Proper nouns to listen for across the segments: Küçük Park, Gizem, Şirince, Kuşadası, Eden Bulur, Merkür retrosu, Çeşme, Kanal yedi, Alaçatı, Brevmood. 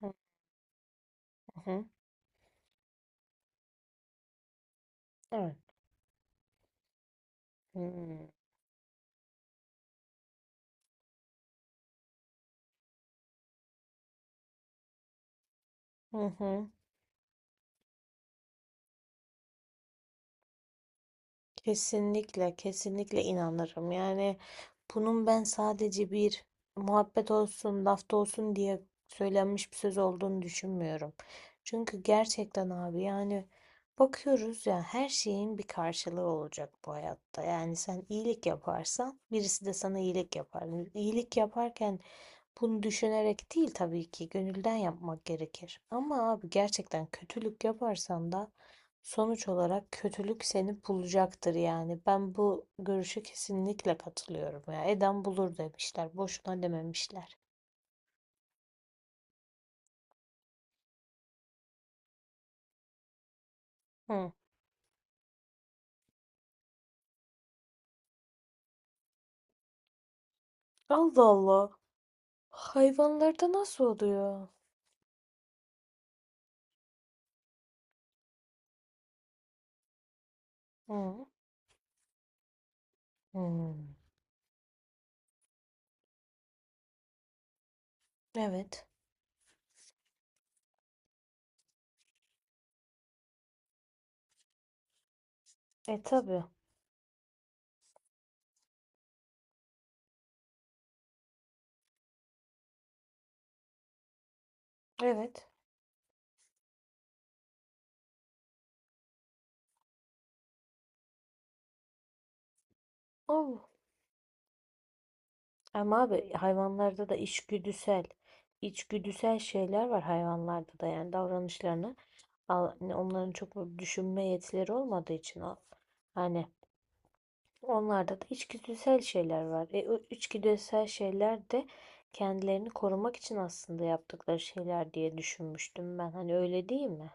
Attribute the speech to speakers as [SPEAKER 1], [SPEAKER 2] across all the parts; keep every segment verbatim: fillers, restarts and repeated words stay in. [SPEAKER 1] Hı hı. Evet. Hmm. Hı hı. Kesinlikle, kesinlikle inanırım. Yani bunun ben sadece bir muhabbet olsun, lafta olsun diye söylenmiş bir söz olduğunu düşünmüyorum. Çünkü gerçekten abi yani bakıyoruz ya, her şeyin bir karşılığı olacak bu hayatta. Yani sen iyilik yaparsan birisi de sana iyilik yapar. İyilik yaparken bunu düşünerek değil, tabii ki gönülden yapmak gerekir. Ama abi gerçekten kötülük yaparsan da sonuç olarak kötülük seni bulacaktır yani. Ben bu görüşe kesinlikle katılıyorum ya. Eden bulur demişler. Boşuna dememişler. Hı. Allah Allah. Hayvanlarda nasıl oluyor? Hı. Hmm. Evet. E tabii. Evet. Allah. Ama abi hayvanlarda da içgüdüsel, içgüdüsel şeyler var hayvanlarda da, yani davranışlarına Al- hani onların çok böyle düşünme yetileri olmadığı için o, hani onlarda da içgüdüsel şeyler var. E, o içgüdüsel şeyler de kendilerini korumak için aslında yaptıkları şeyler diye düşünmüştüm ben. Hani öyle değil mi?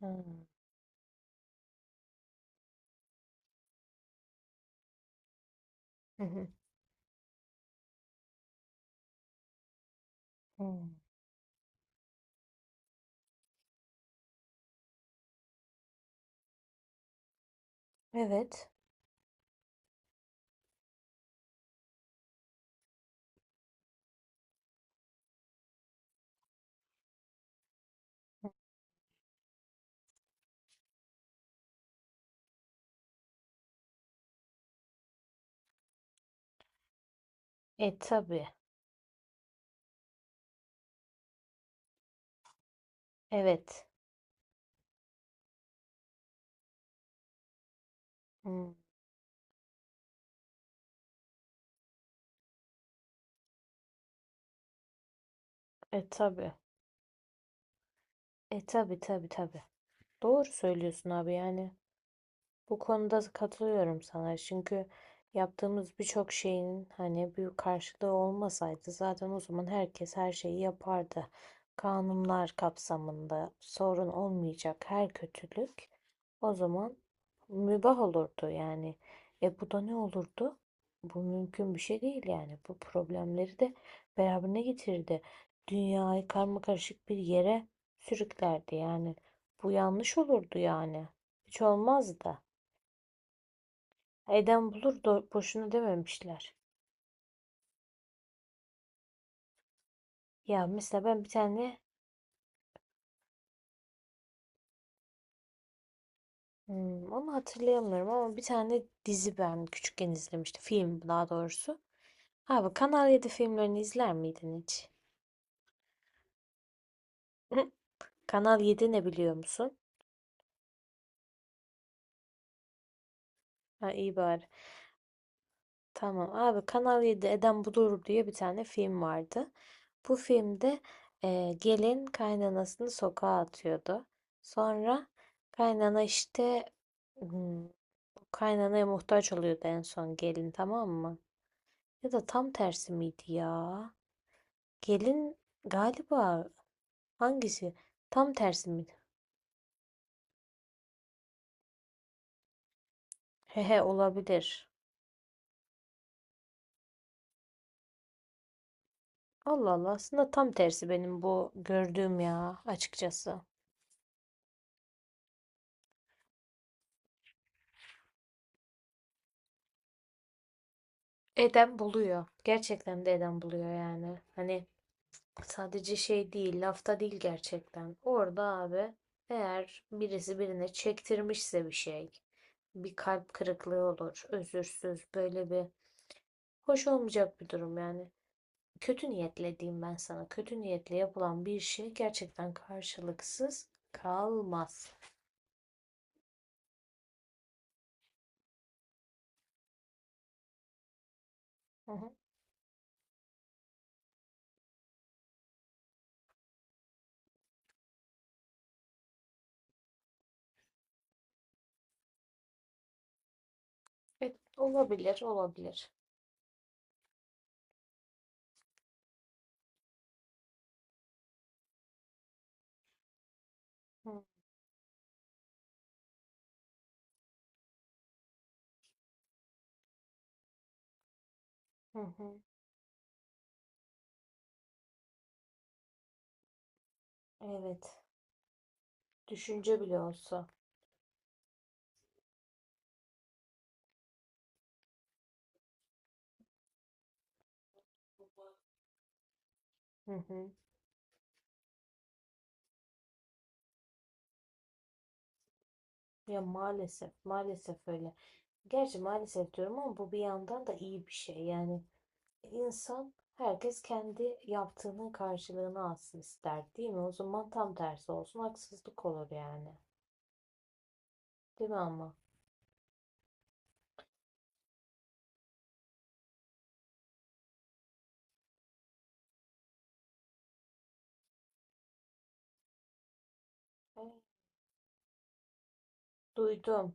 [SPEAKER 1] Hmm. Hı hı. Hmm. Evet. E tabii. Evet. Hmm. E tabii. E tabii tabii tabii. Doğru söylüyorsun abi yani. Bu konuda katılıyorum sana. Çünkü yaptığımız birçok şeyin hani büyük karşılığı olmasaydı, zaten o zaman herkes her şeyi yapardı. Kanunlar kapsamında sorun olmayacak her kötülük o zaman mübah olurdu yani. E, bu da ne olurdu? Bu mümkün bir şey değil yani. Bu problemleri de beraberine getirdi. Dünyayı karmakarışık bir yere sürüklerdi yani. Bu yanlış olurdu yani. Hiç olmazdı. Eden bulur da boşuna dememişler. Ya mesela ben bir tane hmm, onu hatırlayamıyorum, ama bir tane dizi ben küçükken izlemiştim. Film daha doğrusu. Abi Kanal yedi filmlerini izler miydin hiç? Kanal yedi ne biliyor musun? Ha, iyi bari. Tamam abi, Kanal yedi Eden Bulur diye bir tane film vardı. Bu filmde e, gelin kaynanasını sokağa atıyordu. Sonra kaynana işte, hmm, kaynanaya muhtaç oluyordu en son gelin, tamam mı? Ya da tam tersi miydi ya? Gelin galiba, hangisi? Tam tersi miydi? Hehe, olabilir. Allah Allah, aslında tam tersi benim bu gördüğüm ya açıkçası. Eden buluyor. Gerçekten de eden buluyor yani. Hani sadece şey değil, lafta değil, gerçekten. Orada abi, eğer birisi birine çektirmişse bir şey, bir kalp kırıklığı olur, özürsüz böyle bir hoş olmayacak bir durum yani. Kötü niyetle diyeyim ben sana. Kötü niyetle yapılan bir şey gerçekten karşılıksız kalmaz. Hı hı. Evet, olabilir, olabilir. Hı hı. Hı. Evet, düşünce bile olsa. Hı hı. Ya maalesef, maalesef öyle. Gerçi maalesef diyorum ama bu bir yandan da iyi bir şey. Yani insan, herkes kendi yaptığının karşılığını alsın ister, değil mi? O zaman tam tersi olsun, haksızlık olur yani. Değil mi ama? Duydum.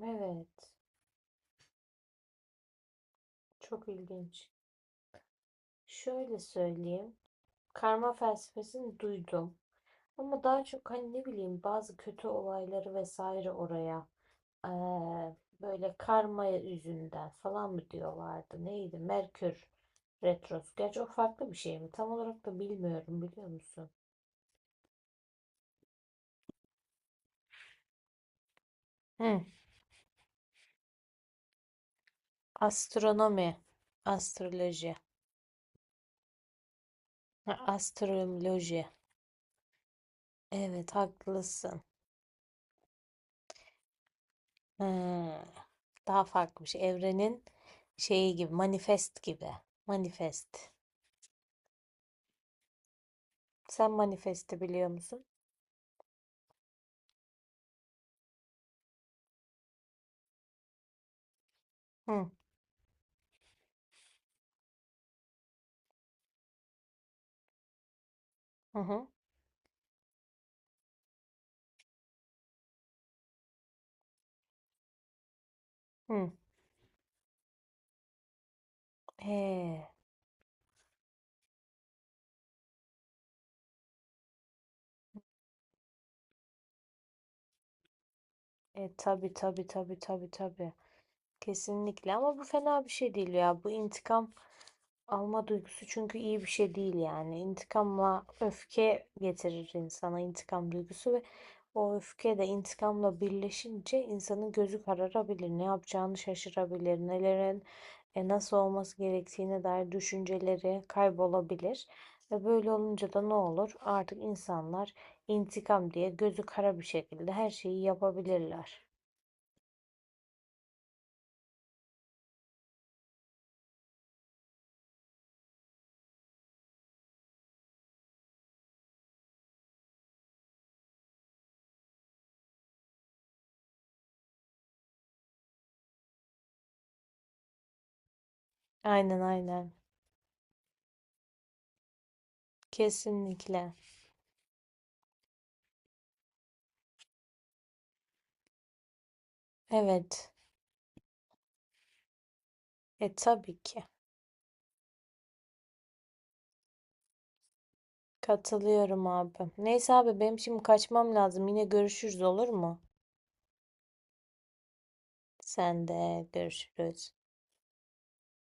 [SPEAKER 1] Evet. Çok ilginç. Şöyle söyleyeyim. Karma felsefesini duydum. Ama daha çok hani ne bileyim, bazı kötü olayları vesaire oraya eee, böyle karma yüzünden falan mı diyorlardı? Neydi? Merkür retrosu. Gerçi o farklı bir şey mi? Tam olarak da bilmiyorum, biliyor musun? Hı. Astronomi, astroloji, ha, astroloji. Evet, haklısın. Hmm, daha farklı bir şey. Evrenin şeyi gibi, manifest gibi. Manifest. Sen manifesti biliyor musun? Hı hı hı. Hı. Ee, e, tabii tabii tabii tabii tabii. Kesinlikle, ama bu fena bir şey değil ya. Bu intikam alma duygusu çünkü iyi bir şey değil yani. İntikamla öfke getirir insana intikam duygusu, ve o öfke de intikamla birleşince insanın gözü kararabilir, ne yapacağını şaşırabilir, nelerin e, nasıl olması gerektiğine dair düşünceleri kaybolabilir. Ve böyle olunca da ne olur? Artık insanlar intikam diye gözü kara bir şekilde her şeyi yapabilirler. Aynen aynen. Kesinlikle. Evet. E tabii ki. Katılıyorum abi. Neyse abi, benim şimdi kaçmam lazım. Yine görüşürüz, olur mu? Sen de, görüşürüz.